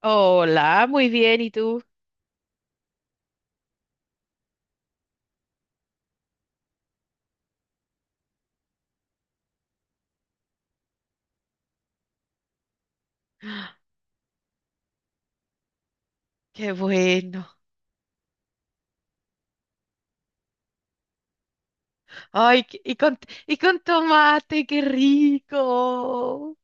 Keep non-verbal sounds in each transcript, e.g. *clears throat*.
Hola, muy bien, ¿y tú? Qué bueno. Ay, qué- y con tomate, qué rico.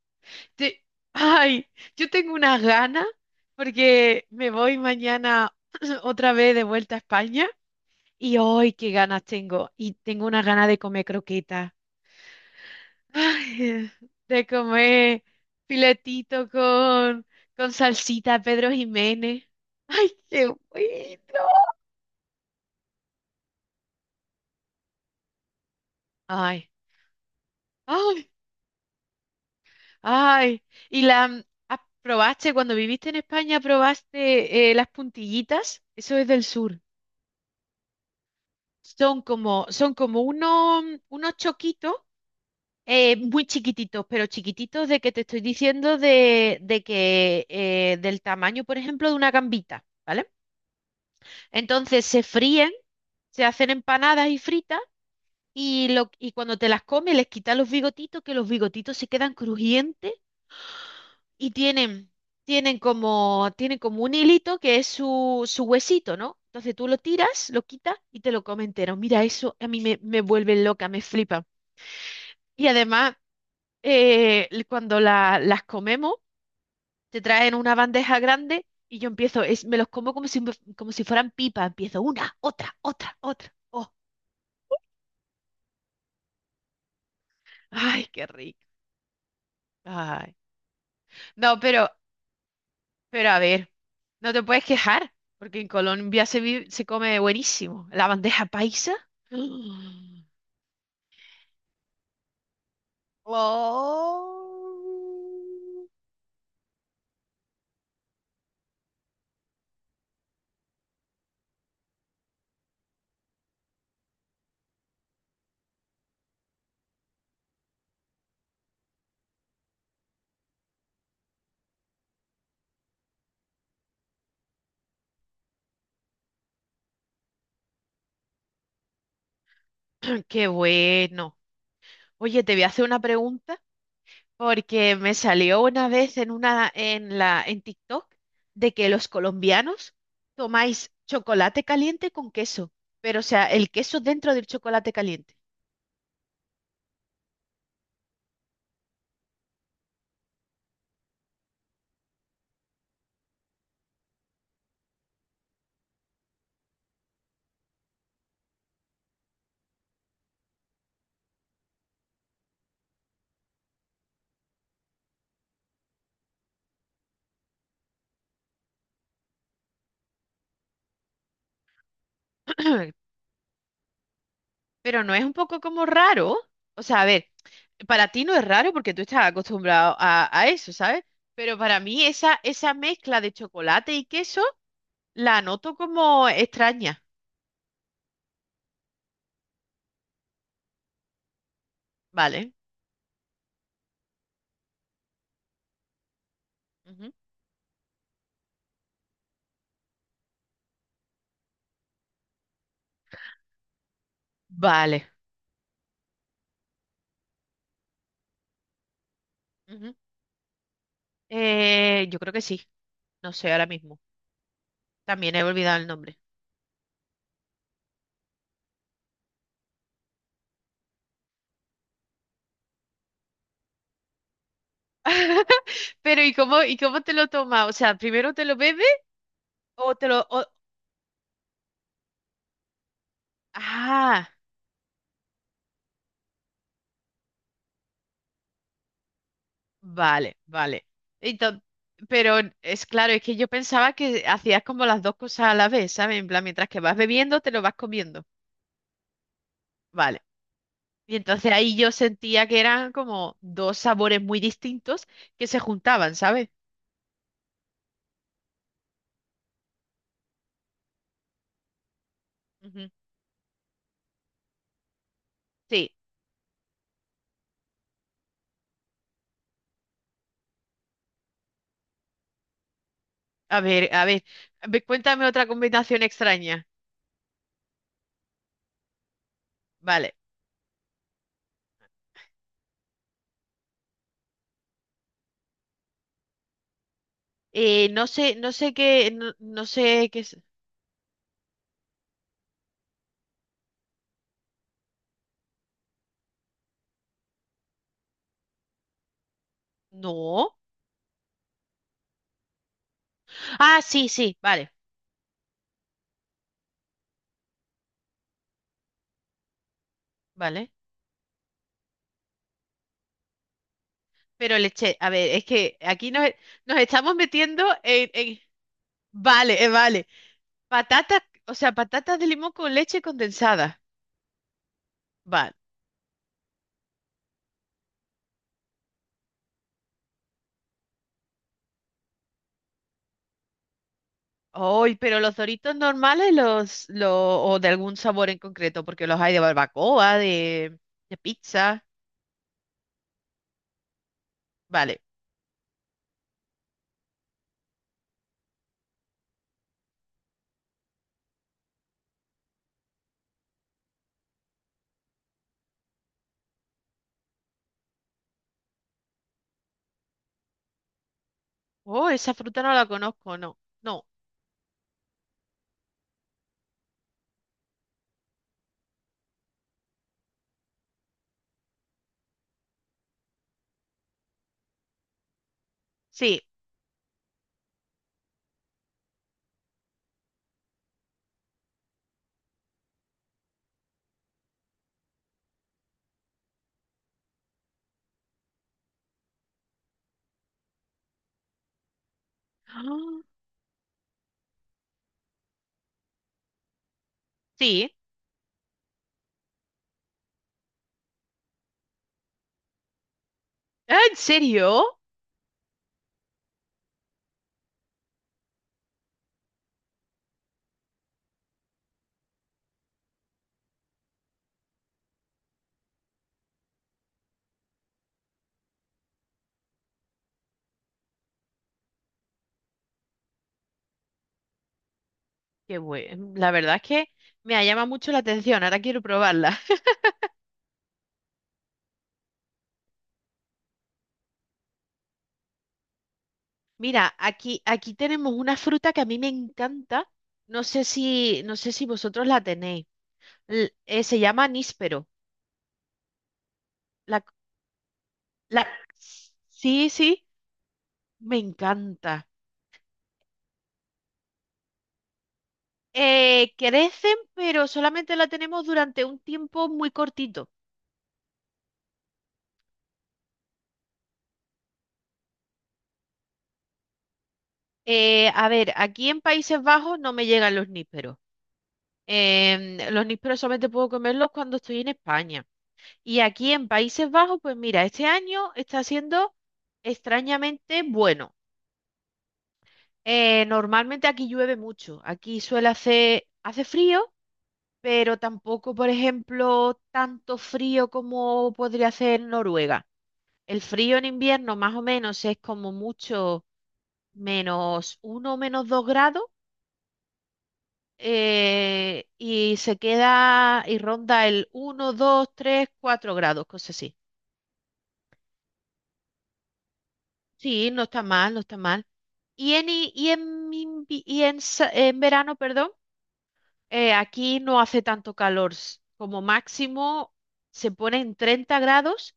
Te- ay, yo tengo unas ganas porque me voy mañana *clears throat* otra vez de vuelta a España y hoy qué ganas tengo. Y tengo unas ganas de comer croqueta. *laughs* Ay, de comer filetito con, con salsita Pedro Jiménez. Ay, qué bueno. Ay. Ay. Ay, ¿y la mm, probaste cuando viviste en España, probaste las puntillitas? Eso es del sur. Son como unos choquitos muy chiquititos, pero chiquititos de que te estoy diciendo de que del tamaño, por ejemplo, de una gambita, ¿vale? Entonces se fríen, se hacen empanadas y fritas y, y cuando te las comes les quitas los bigotitos, que los bigotitos se quedan crujientes y tienen como un hilito que es su huesito, ¿no? Entonces tú lo tiras, lo quitas y te lo comes entero. Mira, eso a mí me vuelve loca, me flipa. Y además, cuando las comemos, te traen una bandeja grande y yo empiezo, es, me los como como si fueran pipa. Empiezo una, otra, otra, otra. Oh, ay, qué rico. Ay. No, pero a ver, no te puedes quejar, porque en Colombia se come buenísimo. La bandeja paisa. *gasps* Oh. Qué bueno. Oye, te voy a hacer una pregunta porque me salió una vez en una en la en TikTok de que los colombianos tomáis chocolate caliente con queso, pero o sea, el queso dentro del chocolate caliente. *clears throat* Pero no es un poco como raro. O sea, a ver, para ti no es raro porque tú estás acostumbrado a eso, ¿sabes? Pero para mí esa mezcla de chocolate y queso la noto como extraña. Vale, ujú. Vale, ujú. Yo creo que sí. No sé ahora mismo. También he olvidado el nombre. *laughs* Pero y cómo te lo tomas? O sea, ¿primero te lo bebes o te lo... o- Ah. Vale, vale. Entonces, pero es claro, es que yo pensaba que hacías como las dos cosas a la vez, ¿sabes? En plan, mientras que vas bebiendo, te lo vas comiendo. Vale. Y entonces ahí yo sentía que eran como dos sabores muy distintos que se juntaban, ¿sabes? Ujú. Sí. A ver, a ver. A ver, cuéntame otra combinación extraña. Vale. No sé qué es. No. Ah, sí, sí. Vale, vale. Pero leche, a ver, es que nos estamos metiendo vale, vale. Patatas, o sea, patatas de limón con leche condensada. Vale. Hoy pero los Doritos normales, o de algún sabor en concreto, porque los hay de pizza. Vale. Oh, esa fruta no la conozco, no. No. Sí. *gasps* Ah. Sí. Ah, ¿en serio? Qué bueno. La verdad es que me llama mucho la atención. Ahora quiero probarla. Mira, aquí, aquí tenemos una fruta que a mí me encanta. No sé si, no sé si vosotros la tenéis. Se llama níspero. La, la, sí, sí, me encanta. Crecen, pero solamente la tenemos durante un tiempo muy cortito. A ver, aquí en Países Bajos no me llegan los nísperos. Los nísperos solamente puedo comerlos cuando estoy en España. Y aquí en Países Bajos, pues mira, este año está siendo extrañamente bueno. Normalmente aquí llueve mucho. Hace frío, pero tampoco, por ejemplo, tanto frío como podría hacer en Noruega. El frío en invierno más o menos es como mucho menos uno, o menos dos grados y se queda y ronda el uno 2 3 4 grados, cosas así. Sí, no está mal, no está mal. Y en, i- y en, invi- y en sa- en verano, perdón. Aquí no hace tanto calor. Como máximo se pone en 30 grados,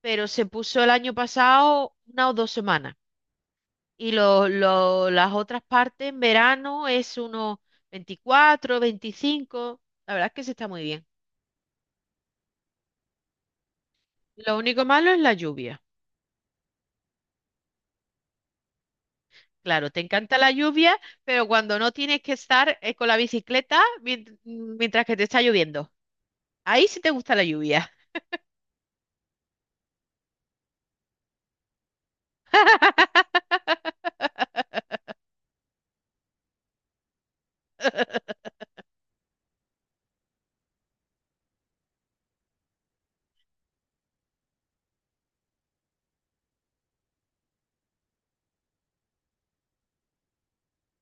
pero se puso el año pasado una o dos semanas. Las otras partes en verano es unos 24 veinticinco. La verdad es que se está muy bien. Lo único malo es la lluvia. Claro, te encanta la lluvia, pero cuando no tienes que estar con la bicicleta mientras que te está lloviendo. Ahí sí te gusta la lluvia.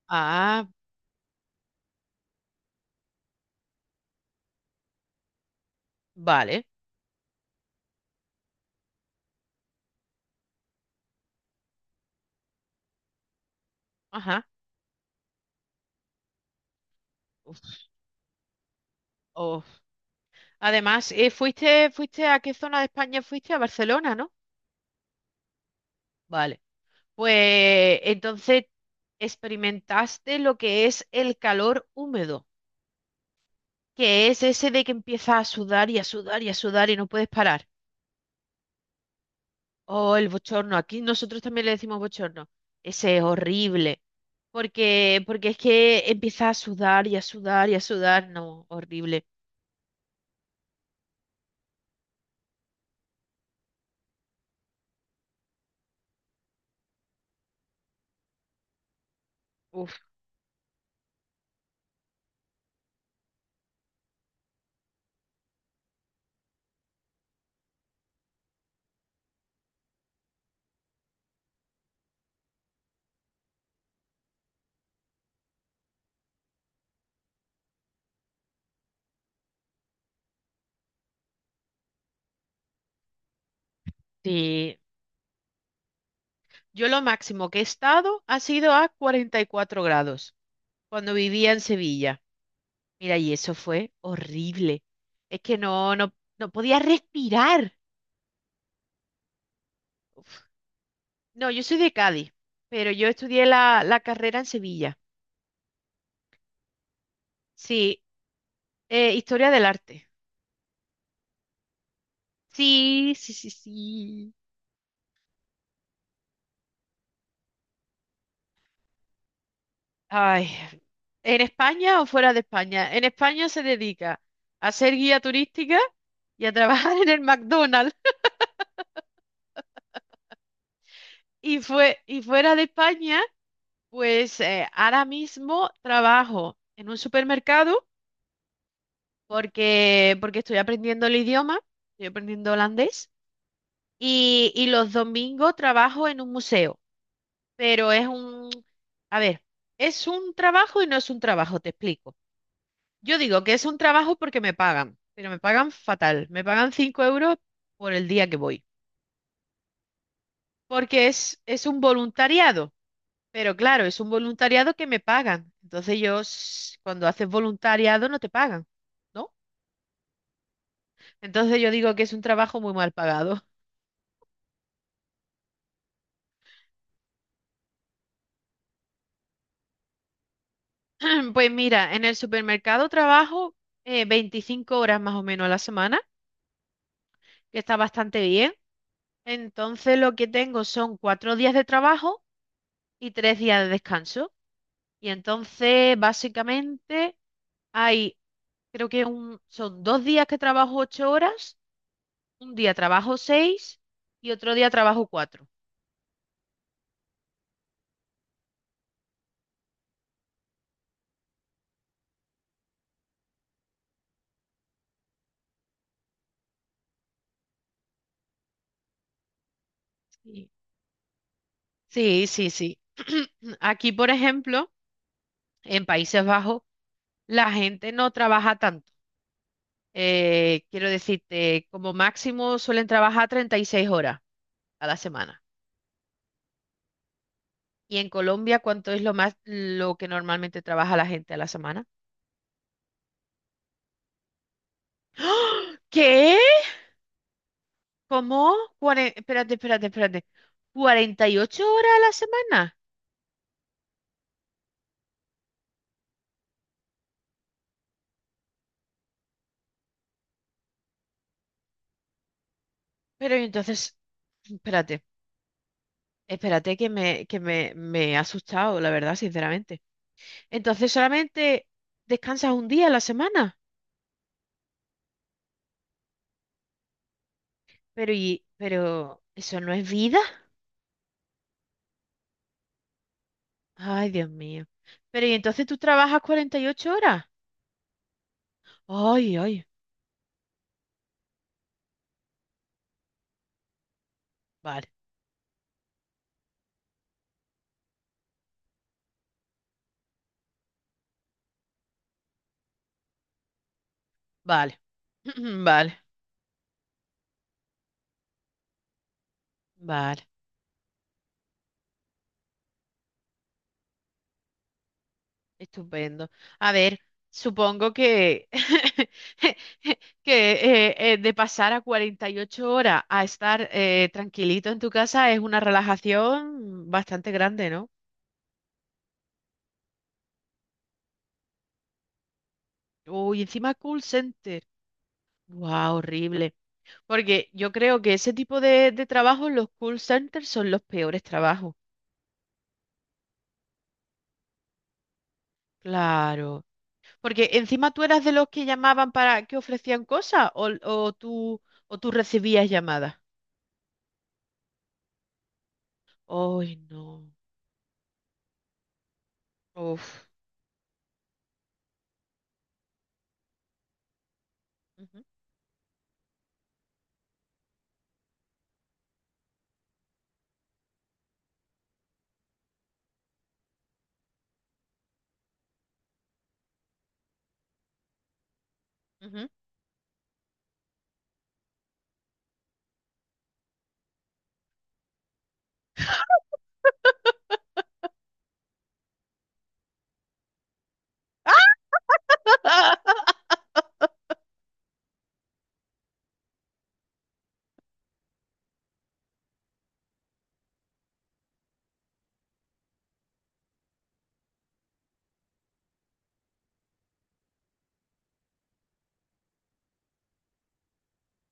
Ah, vale. Ajá. Uf, uf. Además, fuiste a qué zona de España fuiste, a Barcelona, ¿no? Vale. Pues entonces experimentaste lo que es el calor húmedo, que es ese de que empiezas a sudar y a sudar y a sudar y no puedes parar. Oh, el bochorno. Aquí nosotros también le decimos bochorno. Ese es horrible. Porque es que empiezas a sudar y a sudar y a sudar. No, horrible. Uf, sí. Yo lo máximo que he estado ha sido a 44 grados cuando vivía en Sevilla. Mira, y eso fue horrible. Es que no, no, no podía respirar. Uf. No, yo soy de Cádiz, pero yo estudié la carrera en Sevilla. Sí, historia del arte. Sí, sí, sí, sí. Ay, ¿en España o fuera de España? En España se dedica a ser guía turística y a trabajar en el McDonald's. *laughs* Y fuera de España pues ahora mismo trabajo en un supermercado porque estoy aprendiendo el idioma, estoy aprendiendo holandés y los domingos trabajo en un museo, pero es un, a ver, es un trabajo y no es un trabajo, te explico. Yo digo que es un trabajo porque me pagan, pero me pagan fatal, me pagan 5 euros por el día que voy, porque es un voluntariado. Pero claro, es un voluntariado que me pagan. Cuando haces voluntariado, no te pagan, ¿no? Entonces yo digo que es un trabajo muy mal pagado. *clears throat* Pues mira, en el supermercado trabajo 25 horas más o menos a la semana, que está bastante bien. Entonces lo que tengo son cuatro días de trabajo y tres días de descanso. Y entonces básicamente hay, creo que son dos días que trabajo ocho horas, un día trabajo seis y otro día trabajo cuatro. Sí, sí, sí, sí. *clears throat* Aquí, por ejemplo, en Países Bajos, la gente no trabaja tanto. Quiero decirte, como máximo suelen trabajar 36 horas a la semana. ¿Y en Colombia cuánto es lo más lo que normalmente trabaja la gente a la semana? ¡Ah! ¿Qué? ¿Cómo? Espérate, espérate, espérate. ¿Cuarenta y ocho horas a la semana? Pero y entonces, espérate, espérate que me he asustado, la verdad, sinceramente. Entonces solamente descansas un día a la semana. Pero y, pero eso no es vida. Ay, Dios mío. Pero y entonces tú trabajas 48 horas. Ay, ay. Vale, vale. *clears throat* Vale, vale. Estupendo. A ver, supongo que *laughs* que de pasar a 48 horas a estar tranquilito en tu casa es una relajación bastante grande, ¿no? Uy, encima call center. Wow, horrible. Porque yo creo que ese tipo de trabajos, los call centers, son los peores trabajos. Claro. Porque encima tú eras de los que llamaban para que ofrecían cosas o tú recibías llamadas. Ay, no. Uf. Ujú, ujú. *laughs*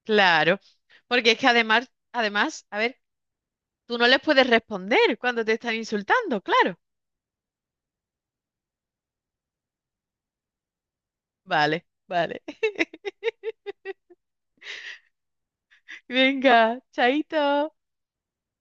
Claro. Porque es que además, además, a ver, tú no les puedes responder cuando te están insultando, claro. Vale, vale. *laughs* Venga, chaito.